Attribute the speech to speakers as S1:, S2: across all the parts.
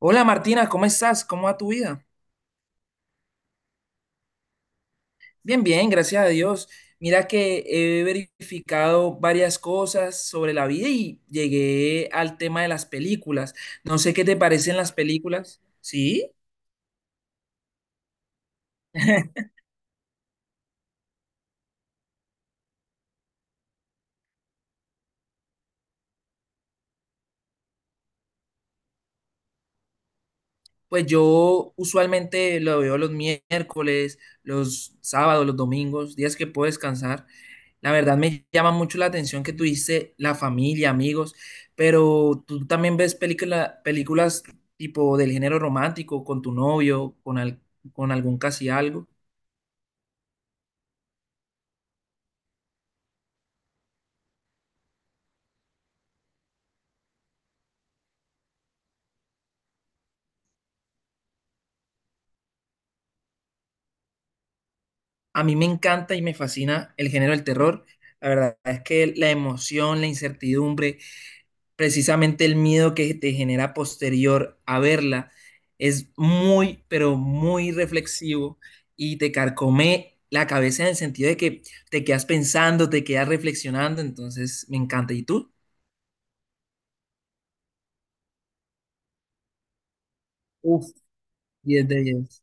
S1: Hola Martina, ¿cómo estás? ¿Cómo va tu vida? Bien, bien, gracias a Dios. Mira que he verificado varias cosas sobre la vida y llegué al tema de las películas. No sé qué te parecen las películas. Sí, pues yo usualmente lo veo los miércoles, los sábados, los domingos, días que puedo descansar. La verdad me llama mucho la atención que tú dices la familia, amigos, pero tú también ves películas tipo del género romántico con tu novio, con con algún casi algo. A mí me encanta y me fascina el género del terror. La verdad es que la emoción, la incertidumbre, precisamente el miedo que te genera posterior a verla es muy, pero muy reflexivo y te carcome la cabeza en el sentido de que te quedas pensando, te quedas reflexionando, entonces me encanta. ¿Y tú? Uf, 10 de 10.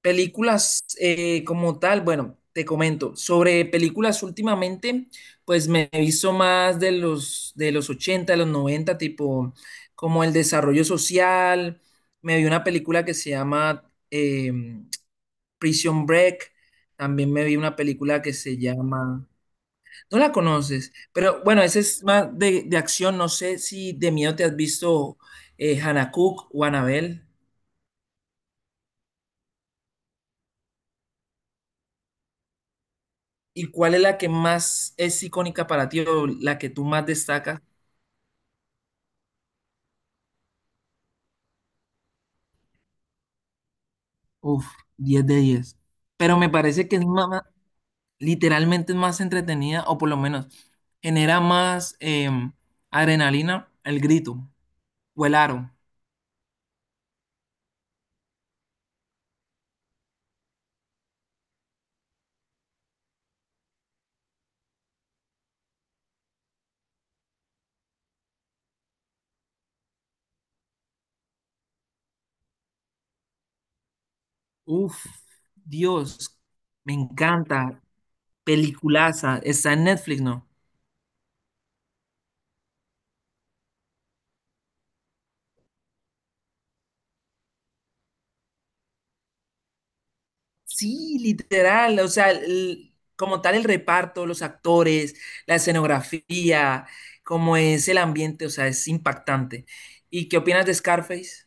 S1: Películas como tal, bueno, te comento, sobre películas últimamente, pues me he visto más de los 80 de los 90 tipo como el desarrollo social, me vi una película que se llama Prison Break, también me vi una película que se llama, no la conoces, pero bueno, esa es más de acción, no sé si de miedo te has visto Hannah Cook o Annabelle. ¿Y cuál es la que más es icónica para ti o la que tú más destacas? Uf, 10 de 10. Pero me parece que es más, literalmente es más entretenida, o por lo menos genera más adrenalina, el grito o el aro. Uf, Dios, me encanta. Peliculaza. Está en Netflix, ¿no? Sí, literal, o sea, como tal el reparto, los actores, la escenografía, cómo es el ambiente, o sea, es impactante. ¿Y qué opinas de Scarface?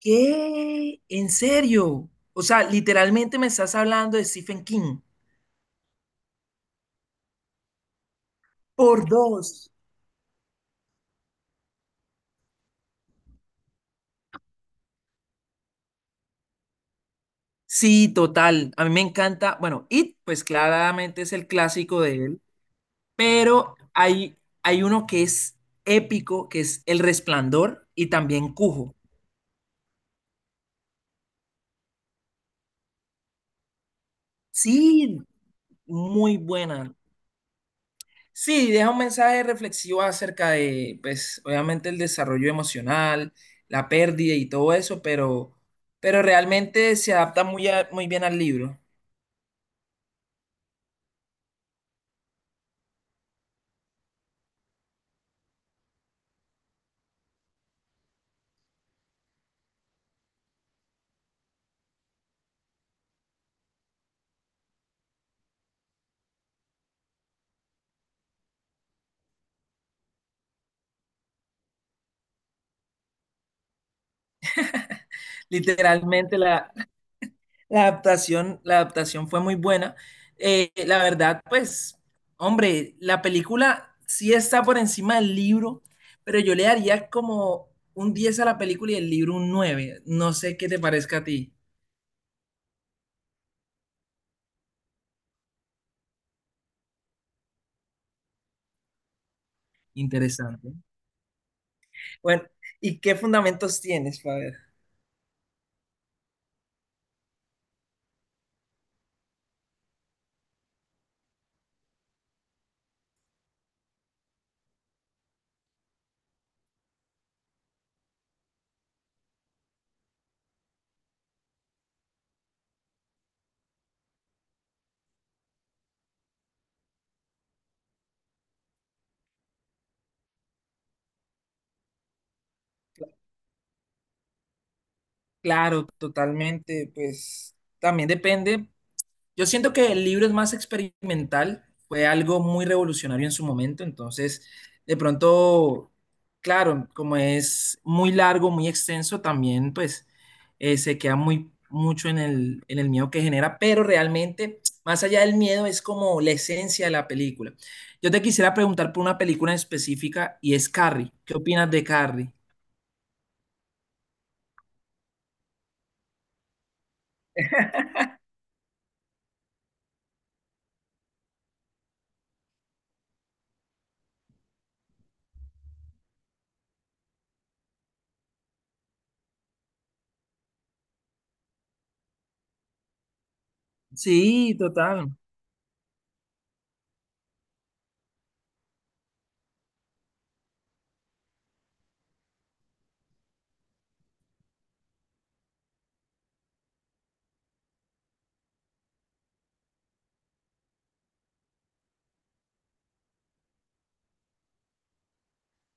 S1: ¿Qué? ¿En serio? O sea, literalmente me estás hablando de Stephen King. Por dos. Sí, total. A mí me encanta. Bueno, It, pues claramente es el clásico de él, pero hay uno que es épico, que es El Resplandor y también Cujo. Sí, muy buena. Sí, deja un mensaje reflexivo acerca de, pues, obviamente el desarrollo emocional, la pérdida y todo eso, pero realmente se adapta muy bien al libro. Literalmente la adaptación fue muy buena. La verdad, pues, hombre, la película sí está por encima del libro, pero yo le daría como un 10 a la película y el libro un 9. No sé qué te parezca a ti. Interesante. Bueno, ¿y qué fundamentos tienes, Faber? Claro, totalmente, pues también depende. Yo siento que el libro es más experimental, fue algo muy revolucionario en su momento, entonces de pronto, claro, como es muy largo, muy extenso, también pues se queda muy mucho en el miedo que genera, pero realmente más allá del miedo es como la esencia de la película. Yo te quisiera preguntar por una película en específica y es Carrie. ¿Qué opinas de Carrie? Sí, total.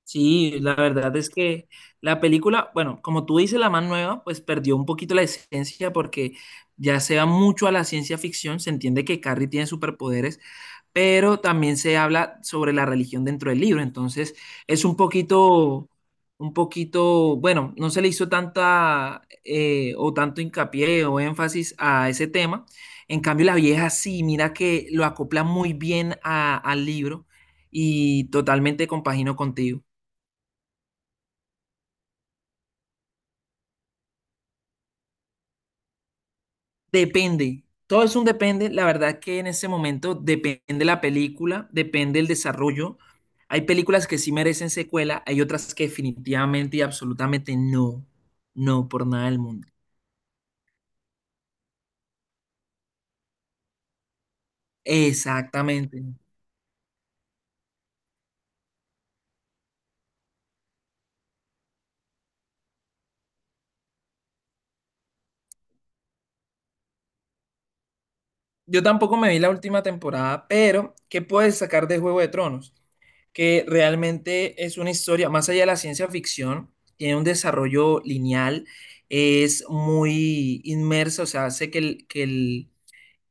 S1: Sí, la verdad es que la película, bueno, como tú dices, la más nueva, pues perdió un poquito la esencia porque ya se va mucho a la ciencia ficción, se entiende que Carrie tiene superpoderes, pero también se habla sobre la religión dentro del libro. Entonces, es un poquito, bueno, no se le hizo tanta o tanto hincapié o énfasis a ese tema. En cambio, la vieja sí, mira que lo acopla muy bien al libro y totalmente compagino contigo. Depende, todo es un depende. La verdad que en ese momento depende la película, depende el desarrollo. Hay películas que sí merecen secuela, hay otras que definitivamente y absolutamente no, no por nada del mundo. Exactamente. Yo tampoco me vi la última temporada, pero ¿qué puedes sacar de Juego de Tronos? Que realmente es una historia, más allá de la ciencia ficción, tiene un desarrollo lineal, es muy inmersa, o sea, hace que el, que el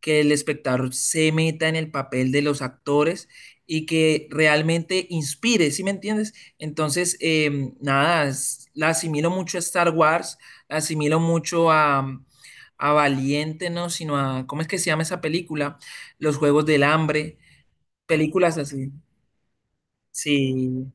S1: que el espectador se meta en el papel de los actores y que realmente inspire, ¿sí me entiendes? Entonces, nada, la asimilo mucho a Star Wars, la asimilo mucho a, a Valiente, ¿no? Sino a, ¿cómo es que se llama esa película? Los Juegos del Hambre, películas así. Sí.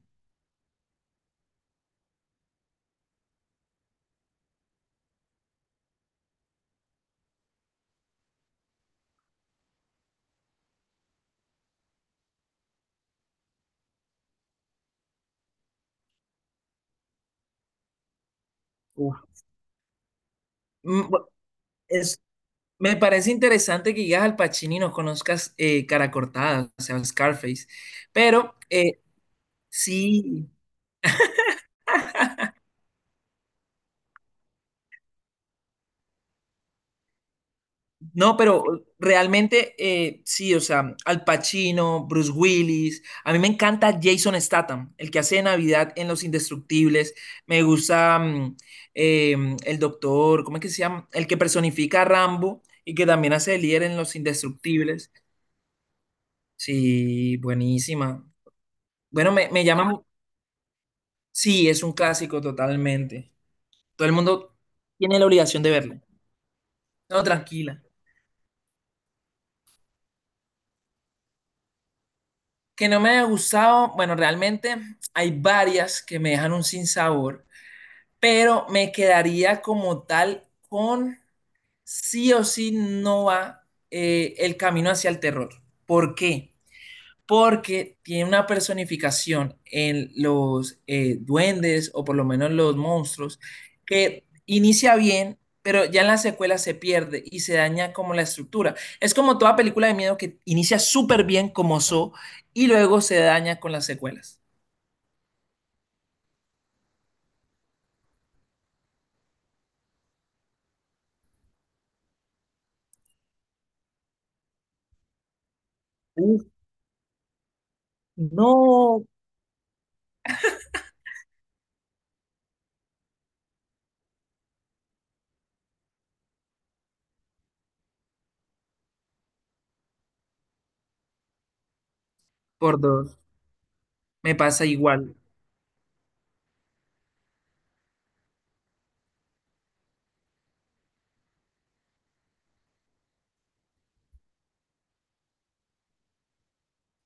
S1: Uf. Mm, bu- es- Me parece interesante que llegas al Pacino y no conozcas Cara Cortada, o sea, Scarface, pero sí. No, pero realmente sí, o sea, Al Pacino, Bruce Willis. A mí me encanta Jason Statham, el que hace de Navidad en Los Indestructibles. Me gusta el doctor, ¿cómo es que se llama? El que personifica a Rambo y que también hace de líder en Los Indestructibles. Sí, buenísima. Bueno, me llama. Sí, es un clásico totalmente. Todo el mundo tiene la obligación de verlo. No, tranquila. Que no me haya gustado, bueno, realmente hay varias que me dejan un sinsabor, pero me quedaría como tal con sí o sí no va el camino hacia el terror. ¿Por qué? Porque tiene una personificación en los duendes o por lo menos los monstruos que inicia bien, pero ya en la secuela se pierde y se daña como la estructura. Es como toda película de miedo que inicia súper bien como Saw y luego se daña con las secuelas. Uf, no, por dos, me pasa igual.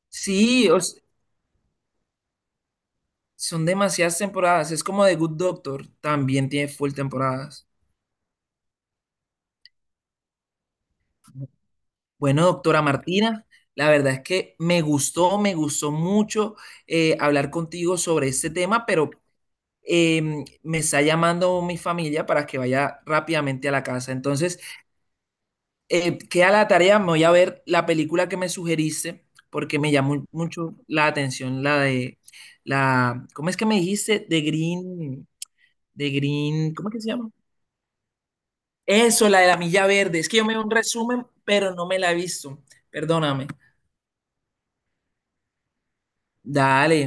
S1: Sí, son demasiadas temporadas, es como The Good Doctor, también tiene full temporadas. Bueno, doctora Martina, la verdad es que me gustó mucho hablar contigo sobre este tema, pero me está llamando mi familia para que vaya rápidamente a la casa. Entonces, queda la tarea, me voy a ver la película que me sugeriste, porque me llamó mucho la atención la de ¿cómo es que me dijiste? De Green, ¿cómo es que se llama? Eso, la de la milla verde. Es que yo me vi un resumen, pero no me la he visto. Perdóname. Dale.